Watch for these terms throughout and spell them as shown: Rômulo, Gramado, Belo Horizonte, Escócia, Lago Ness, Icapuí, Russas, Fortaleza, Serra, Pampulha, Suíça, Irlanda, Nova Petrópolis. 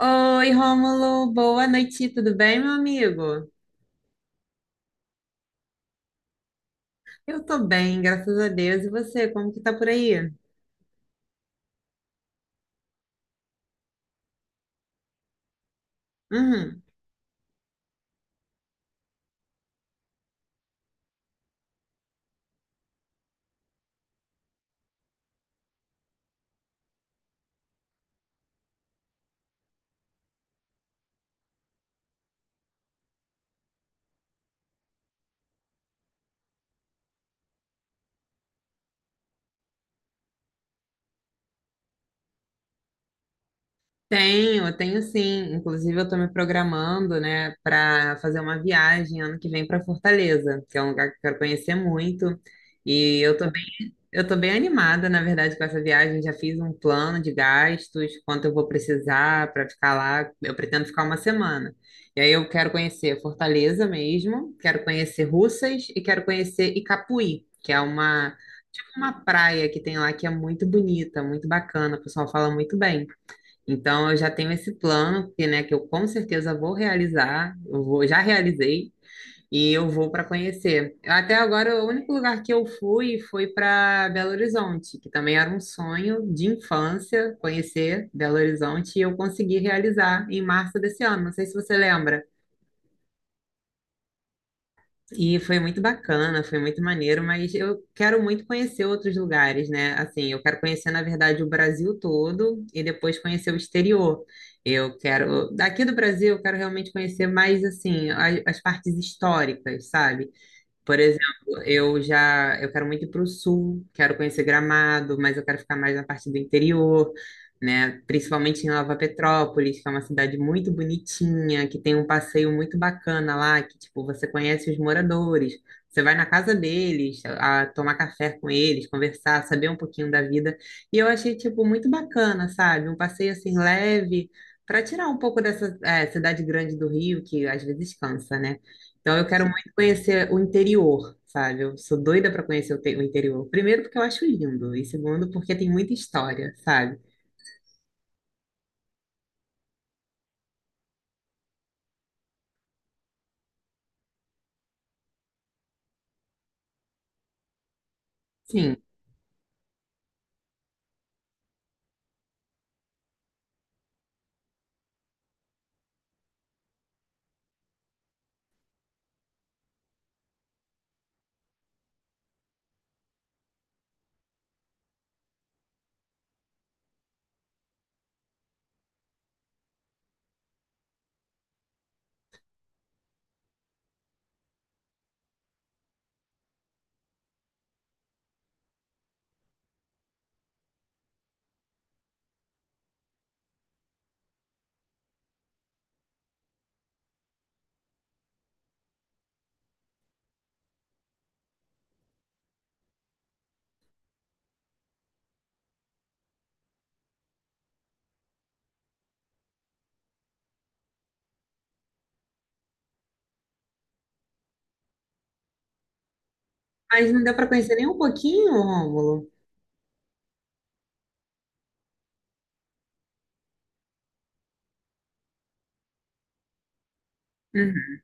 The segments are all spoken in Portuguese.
Oi, Rômulo, boa noite, tudo bem, meu amigo? Eu tô bem, graças a Deus. E você, como que tá por aí? Uhum. Tenho, tenho sim. Inclusive, eu tô me programando, né, para fazer uma viagem ano que vem para Fortaleza, que é um lugar que eu quero conhecer muito. E eu tô Eu estou bem animada, na verdade, com essa viagem. Já fiz um plano de gastos, quanto eu vou precisar para ficar lá. Eu pretendo ficar uma semana. E aí eu quero conhecer Fortaleza mesmo, quero conhecer Russas e quero conhecer Icapuí, que é uma, tipo uma praia que tem lá que é muito bonita, muito bacana. O pessoal fala muito bem. Então eu já tenho esse plano que, né, que eu com certeza vou realizar. Eu vou, já realizei. E eu vou para conhecer. Até agora, o único lugar que eu fui foi para Belo Horizonte, que também era um sonho de infância conhecer Belo Horizonte, e eu consegui realizar em março desse ano. Não sei se você lembra. E foi muito bacana, foi muito maneiro, mas eu quero muito conhecer outros lugares, né? Assim, eu quero conhecer, na verdade, o Brasil todo e depois conhecer o exterior. Eu quero, daqui do Brasil, eu quero realmente conhecer mais, assim, as partes históricas, sabe? Por exemplo, eu quero muito ir para o sul, quero conhecer Gramado, mas eu quero ficar mais na parte do interior, né? Principalmente em Nova Petrópolis, que é uma cidade muito bonitinha, que tem um passeio muito bacana lá, que tipo, você conhece os moradores, você vai na casa deles, a tomar café com eles, conversar, saber um pouquinho da vida. E eu achei tipo muito bacana, sabe? Um passeio assim leve para tirar um pouco dessa cidade grande do Rio, que às vezes cansa, né? Então eu quero conhecer o interior, sabe? Eu sou doida pra conhecer o interior. Primeiro, porque eu acho lindo, e segundo, porque tem muita história, sabe? Sim, mas não deu pra conhecer nem um pouquinho, Rômulo. Uhum.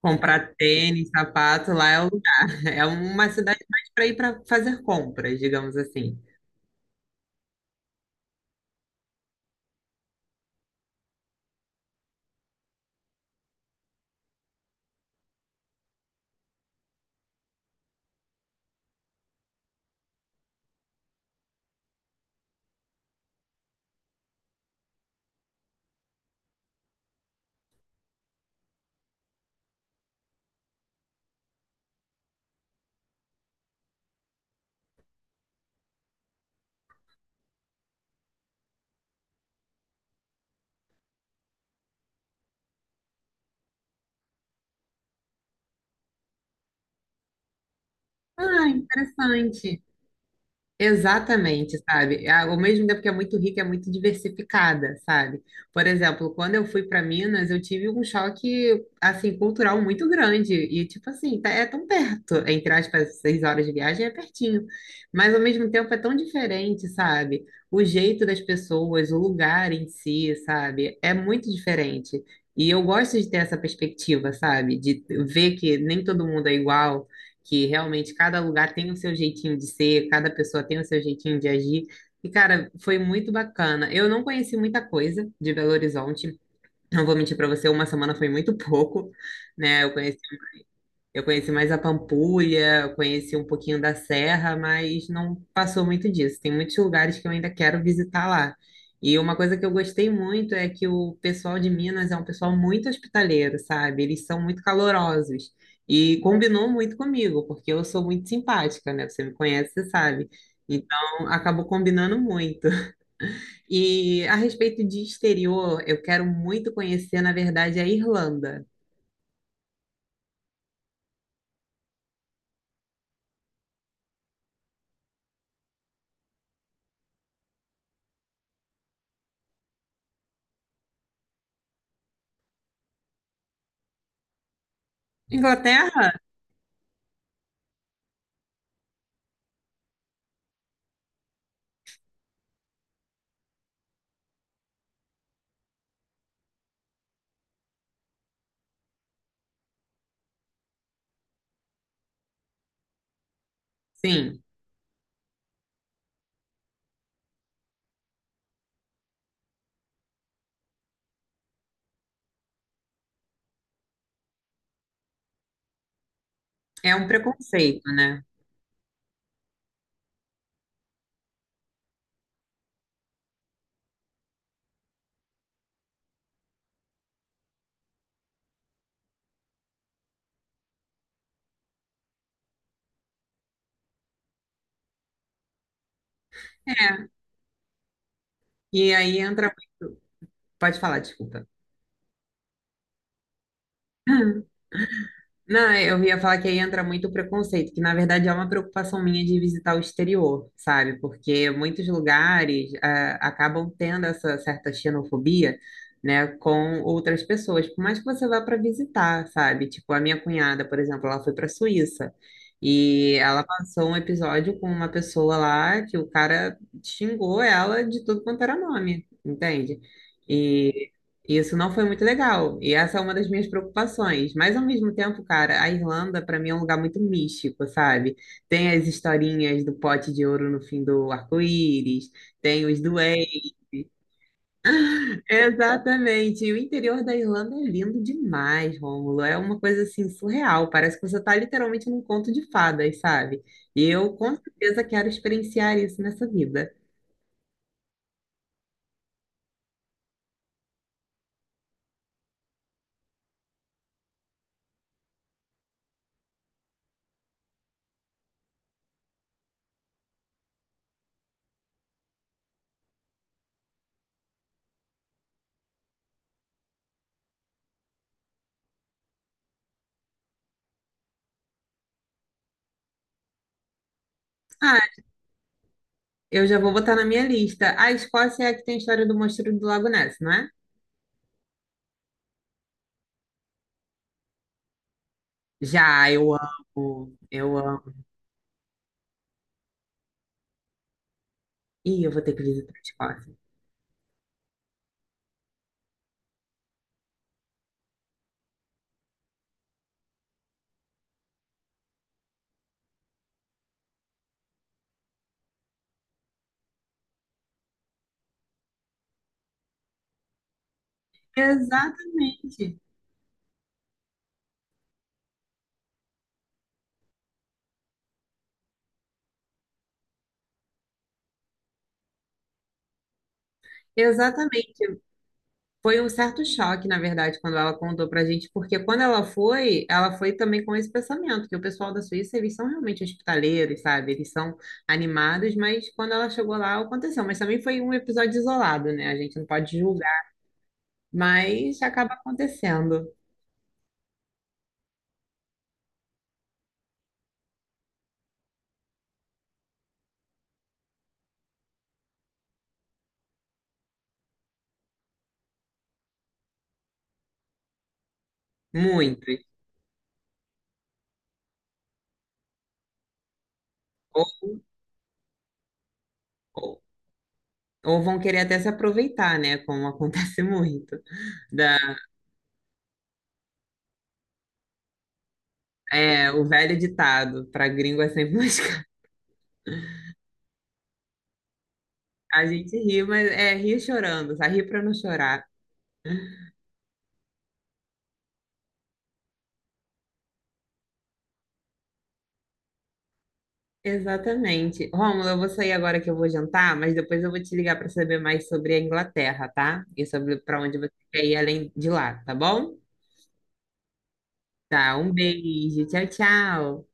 Comprar tênis, sapato, lá é o lugar. É uma cidade mais pra ir pra fazer compras, digamos assim. Ah, interessante. Exatamente, sabe? Ao mesmo tempo que é muito rica, é muito diversificada, sabe? Por exemplo, quando eu fui para Minas, eu tive um choque, assim, cultural muito grande. E, tipo assim, é tão perto, entre aspas, 6 horas de viagem é pertinho. Mas, ao mesmo tempo, é tão diferente, sabe? O jeito das pessoas, o lugar em si, sabe? É muito diferente. E eu gosto de ter essa perspectiva, sabe? De ver que nem todo mundo é igual que realmente cada lugar tem o seu jeitinho de ser, cada pessoa tem o seu jeitinho de agir. E, cara, foi muito bacana. Eu não conheci muita coisa de Belo Horizonte. Não vou mentir para você, uma semana foi muito pouco, né? Eu conheci mais a Pampulha, eu conheci um pouquinho da Serra, mas não passou muito disso. Tem muitos lugares que eu ainda quero visitar lá. E uma coisa que eu gostei muito é que o pessoal de Minas é um pessoal muito hospitaleiro, sabe? Eles são muito calorosos. E combinou muito comigo, porque eu sou muito simpática, né? Você me conhece, você sabe. Então, acabou combinando muito. E a respeito de exterior, eu quero muito conhecer, na verdade, a Irlanda. Inglaterra? Sim. É um preconceito, né? É. E aí entra. Pode falar, desculpa. Não, é, eu ia falar que aí entra muito o preconceito, que na verdade é uma preocupação minha de visitar o exterior, sabe? Porque muitos lugares acabam tendo essa certa xenofobia, né, com outras pessoas, por mais que você vá para visitar, sabe? Tipo, a minha cunhada, por exemplo, ela foi para a Suíça e ela passou um episódio com uma pessoa lá que o cara xingou ela de tudo quanto era nome, entende? Isso não foi muito legal. E essa é uma das minhas preocupações. Mas ao mesmo tempo, cara, a Irlanda para mim é um lugar muito místico, sabe? Tem as historinhas do pote de ouro no fim do arco-íris, tem os duendes. Exatamente. E o interior da Irlanda é lindo demais, Rômulo. É uma coisa assim surreal. Parece que você está literalmente num conto de fadas, sabe? E eu com certeza quero experienciar isso nessa vida. Ah, eu já vou botar na minha lista. A Escócia é a que tem a história do monstro do Lago Ness, não é? Já, eu amo, eu amo. Ih, eu vou ter que visitar a Escócia. Exatamente, exatamente. Foi um certo choque, na verdade, quando ela contou pra gente, porque quando ela foi também com esse pensamento, que o pessoal da Suíça, eles são realmente hospitaleiros, sabe? Eles são animados, mas quando ela chegou lá, aconteceu. Mas também foi um episódio isolado, né? A gente não pode julgar, mas acaba acontecendo. Muitos. Ou, ou, ou vão querer até se aproveitar, né? Como acontece muito É, o velho ditado, pra gringo é sempre mais caro. A gente ri, mas é ri chorando, sabe? Ri pra não chorar. Exatamente. Rômulo, eu vou sair agora que eu vou jantar, mas depois eu vou te ligar pra saber mais sobre a Inglaterra, tá? E sobre pra onde você quer ir além de lá, tá bom? Tá, um beijo. Tchau, tchau.